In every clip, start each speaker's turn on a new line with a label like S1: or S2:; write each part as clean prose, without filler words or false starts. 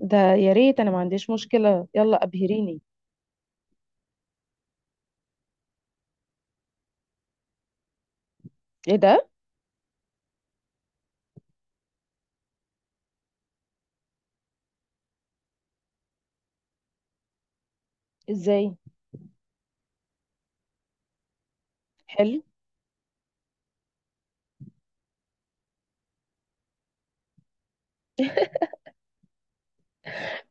S1: ده يا ريت انا ما عنديش مشكلة، يلا ابهريني. ايه ده؟ ازاي؟ حلو.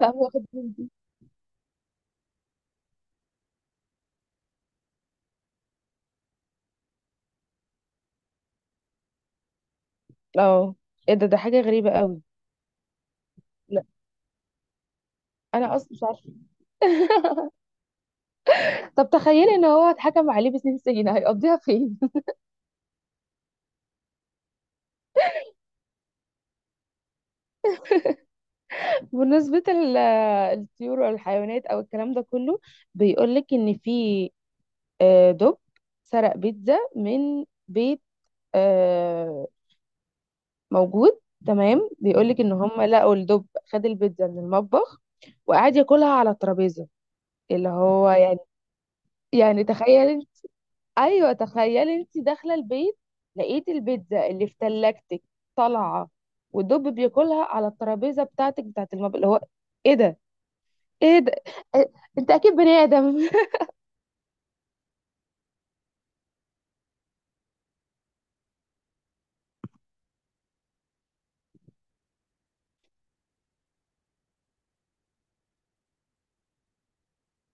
S1: لا واخد مني. اه، ايه ده؟ ده حاجة غريبة قوي. لا انا اصلا مش عارفة. طب تخيلي ان هو اتحكم عليه بسنين سجن هيقضيها فين؟ بالنسبة الطيور والحيوانات او الكلام ده كله، بيقولك ان في دب سرق بيتزا من بيت. آه، موجود. تمام، بيقولك ان هم لقوا الدب خد البيتزا من المطبخ وقعد ياكلها على الترابيزة. اللي هو يعني. يعني تخيل انت، ايوه تخيل انت داخله البيت، لقيت البيتزا اللي في تلاجتك طالعه، ودب بياكلها على الترابيزه بتاعتك بتاعت المطبخ. اللي هو ايه ده؟ ايه ده؟ إيه؟ انت اكيد بني ادم.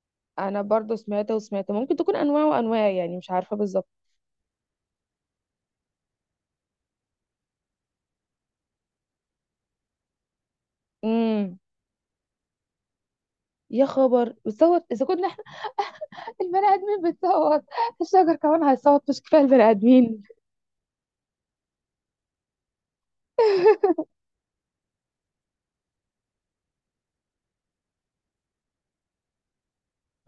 S1: انا برضو سمعت وسمعت، ممكن تكون انواع وانواع، يعني مش عارفه بالظبط. امم. يا خبر، بتصوت اذا كنا احنا البني ادمين بتصوت، الشجر كمان هيصوت؟ مش كفايه البني ادمين؟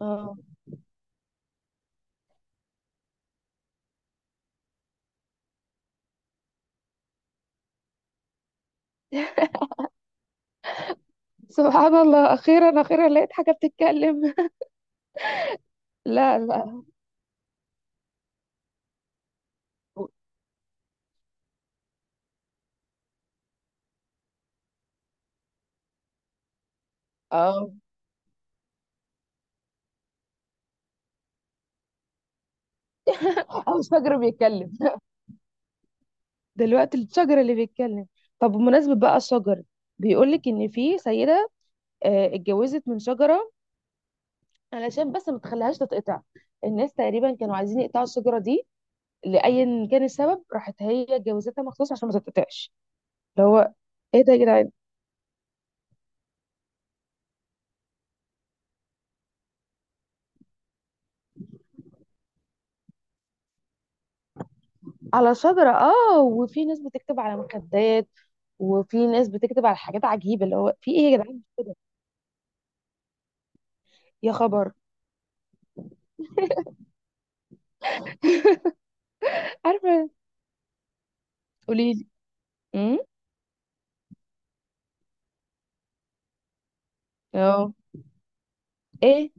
S1: اه. سبحان الله، اخيرا اخيرا لقيت حاجه بتتكلم. لا لا. اه. او شجر بيتكلم. دلوقتي الشجر اللي بيتكلم. طب بمناسبة بقى الشجر، بيقولك ان في سيدة اتجوزت من شجرة علشان بس ما تخليهاش تتقطع. الناس تقريبا كانوا عايزين يقطعوا الشجرة دي، لأيا كان السبب، راحت هي اتجوزتها مخصوص عشان ما تتقطعش. اللي هو ايه ده يا جدعان؟ على شجرة. اه، وفي ناس بتكتب على مخدات، وفي ناس بتكتب على حاجات عجيبة. اللي هو في ايه يا جدعان، مش كده؟ يا خبر. عارفة. قوليلي. امم. اه. ايه.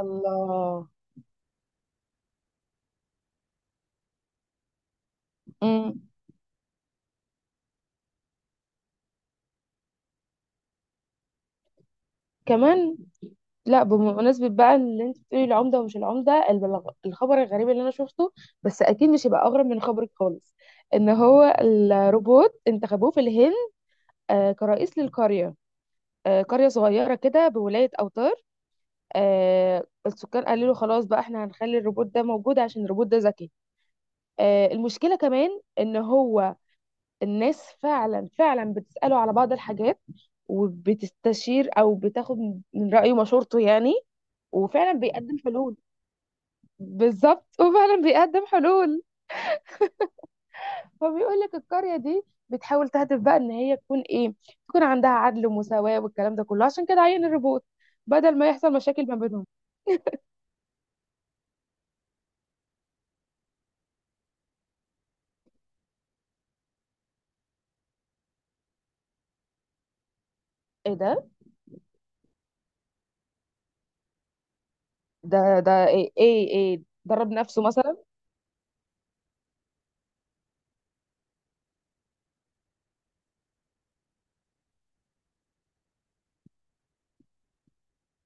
S1: الله. مم. كمان. لا، بمناسبة بقى اللي انت بتقولي العمدة ومش العمدة، الخبر الغريب اللي انا شفته، بس اكيد مش هيبقى اغرب من خبرك خالص، ان هو الروبوت انتخبوه في الهند كرئيس للقرية. قرية صغيرة كده بولاية أوتار. السكان قالوا له خلاص بقى، احنا هنخلي الروبوت ده موجود عشان الروبوت ده ذكي. المشكلة كمان ان هو الناس فعلا فعلا بتسأله على بعض الحاجات، وبتستشير او بتاخد من رأيه مشورته يعني، وفعلا بيقدم حلول. بالظبط، وفعلا بيقدم حلول. فبيقول لك القرية دي بتحاول تهدف بقى ان هي تكون ايه، تكون عندها عدل ومساواة والكلام ده كله، عشان كده عين الروبوت بدل ما يحصل مشاكل ما بينهم. ايه ده؟ ده ده ايه ايه, إيه؟ ضرب نفسه مثلا؟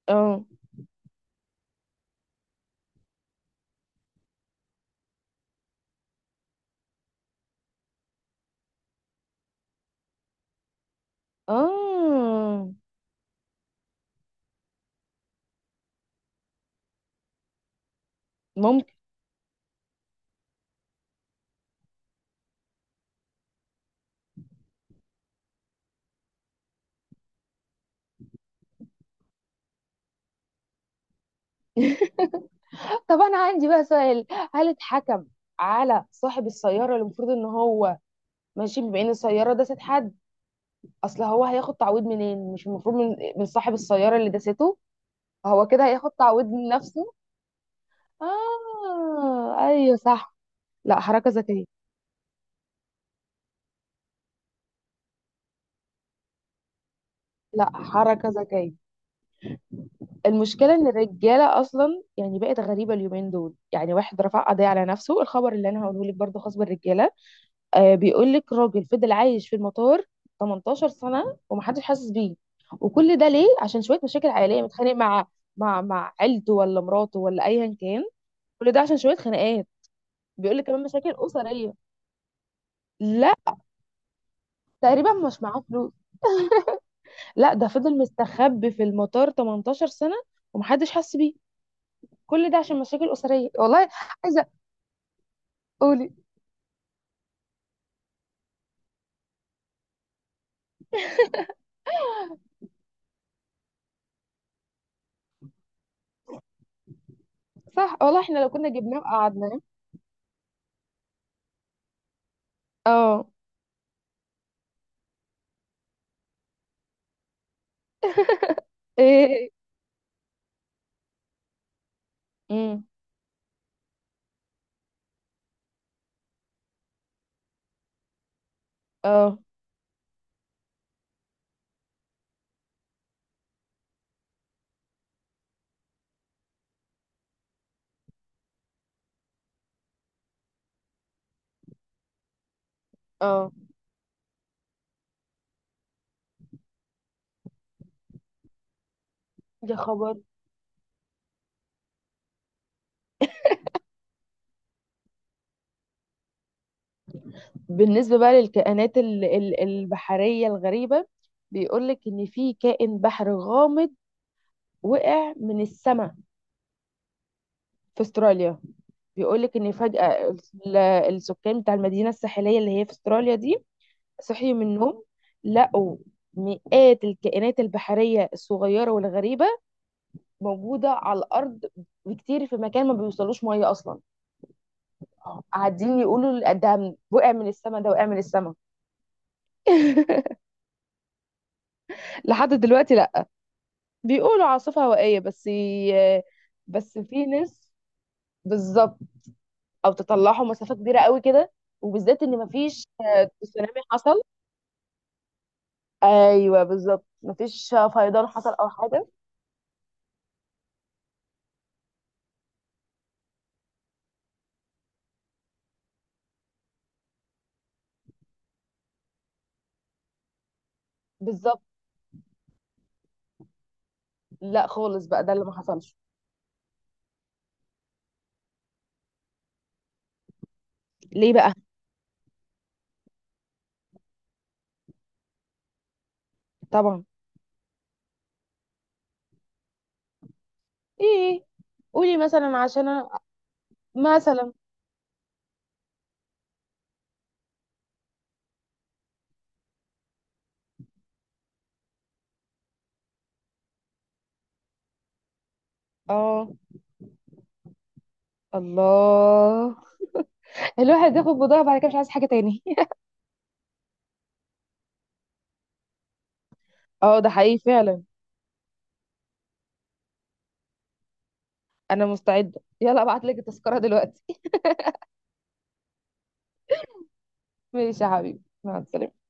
S1: اه. اه ممكن. طب انا عندي بقى سؤال، هل اتحكم على صاحب السيارة اللي المفروض ان هو ماشي، بما ان السيارة داست حد؟ اصل هو هياخد تعويض منين؟ مش المفروض من صاحب السيارة اللي داسته؟ هو كده هياخد تعويض من نفسه. آه أيوه صح. لا، حركة ذكية. لا، حركة ذكية. المشكلة إن الرجالة أصلا يعني بقت غريبة اليومين دول، يعني واحد رفع قضية على نفسه. الخبر اللي أنا هقوله لك برضه خاص بالرجالة. آه، بيقول لك راجل فضل عايش في المطار 18 سنة ومحدش حاسس بيه. وكل ده ليه؟ عشان شوية مشاكل عائلية، متخانق مع مع عيلته ولا مراته ولا أيا كان. كل ده عشان شوية خناقات. بيقول لك كمان مشاكل أسرية. لا. تقريبا مش معاه فلوس. لا، ده فضل مستخبي في المطار 18 سنة ومحدش حس بيه. كل ده عشان مشاكل أسرية والله. عايزة. قولي. صح والله، احنا لو كنا جبناه وقعدناه. اه. ايه. امم. اه. اه. يا خبر. بالنسبة بقى البحرية الغريبة، بيقولك إن في كائن بحر غامض وقع من السماء في استراليا. بيقولك إن فجأة السكان بتاع المدينة الساحلية اللي هي في استراليا دي صحيوا من النوم، لقوا مئات الكائنات البحرية الصغيرة والغريبة موجودة على الأرض، بكتير، في مكان ما بيوصلوش مية أصلا. قاعدين يقولوا ده وقع من السما، ده وقع من السما. لحد دلوقتي لا، بيقولوا عاصفة هوائية بس بس في ناس، بالظبط، او تطلعوا مسافة كبيرة قوي كده. وبالذات ان مفيش تسونامي حصل. ايوه بالظبط، مفيش فيضان حصل او حاجة. بالظبط. لا خالص بقى، ده اللي ما حصلش. ليه بقى؟ طبعا. ايه؟ قولي مثلا عشان أنا. مثلا. اه. الله. الواحد ياخد بضاعة بعد كده مش عايز حاجة تاني. اه ده حقيقي فعلا. انا مستعدة، يلا ابعت لك التذكرة دلوقتي. ماشي يا حبيبي، مع السلامة.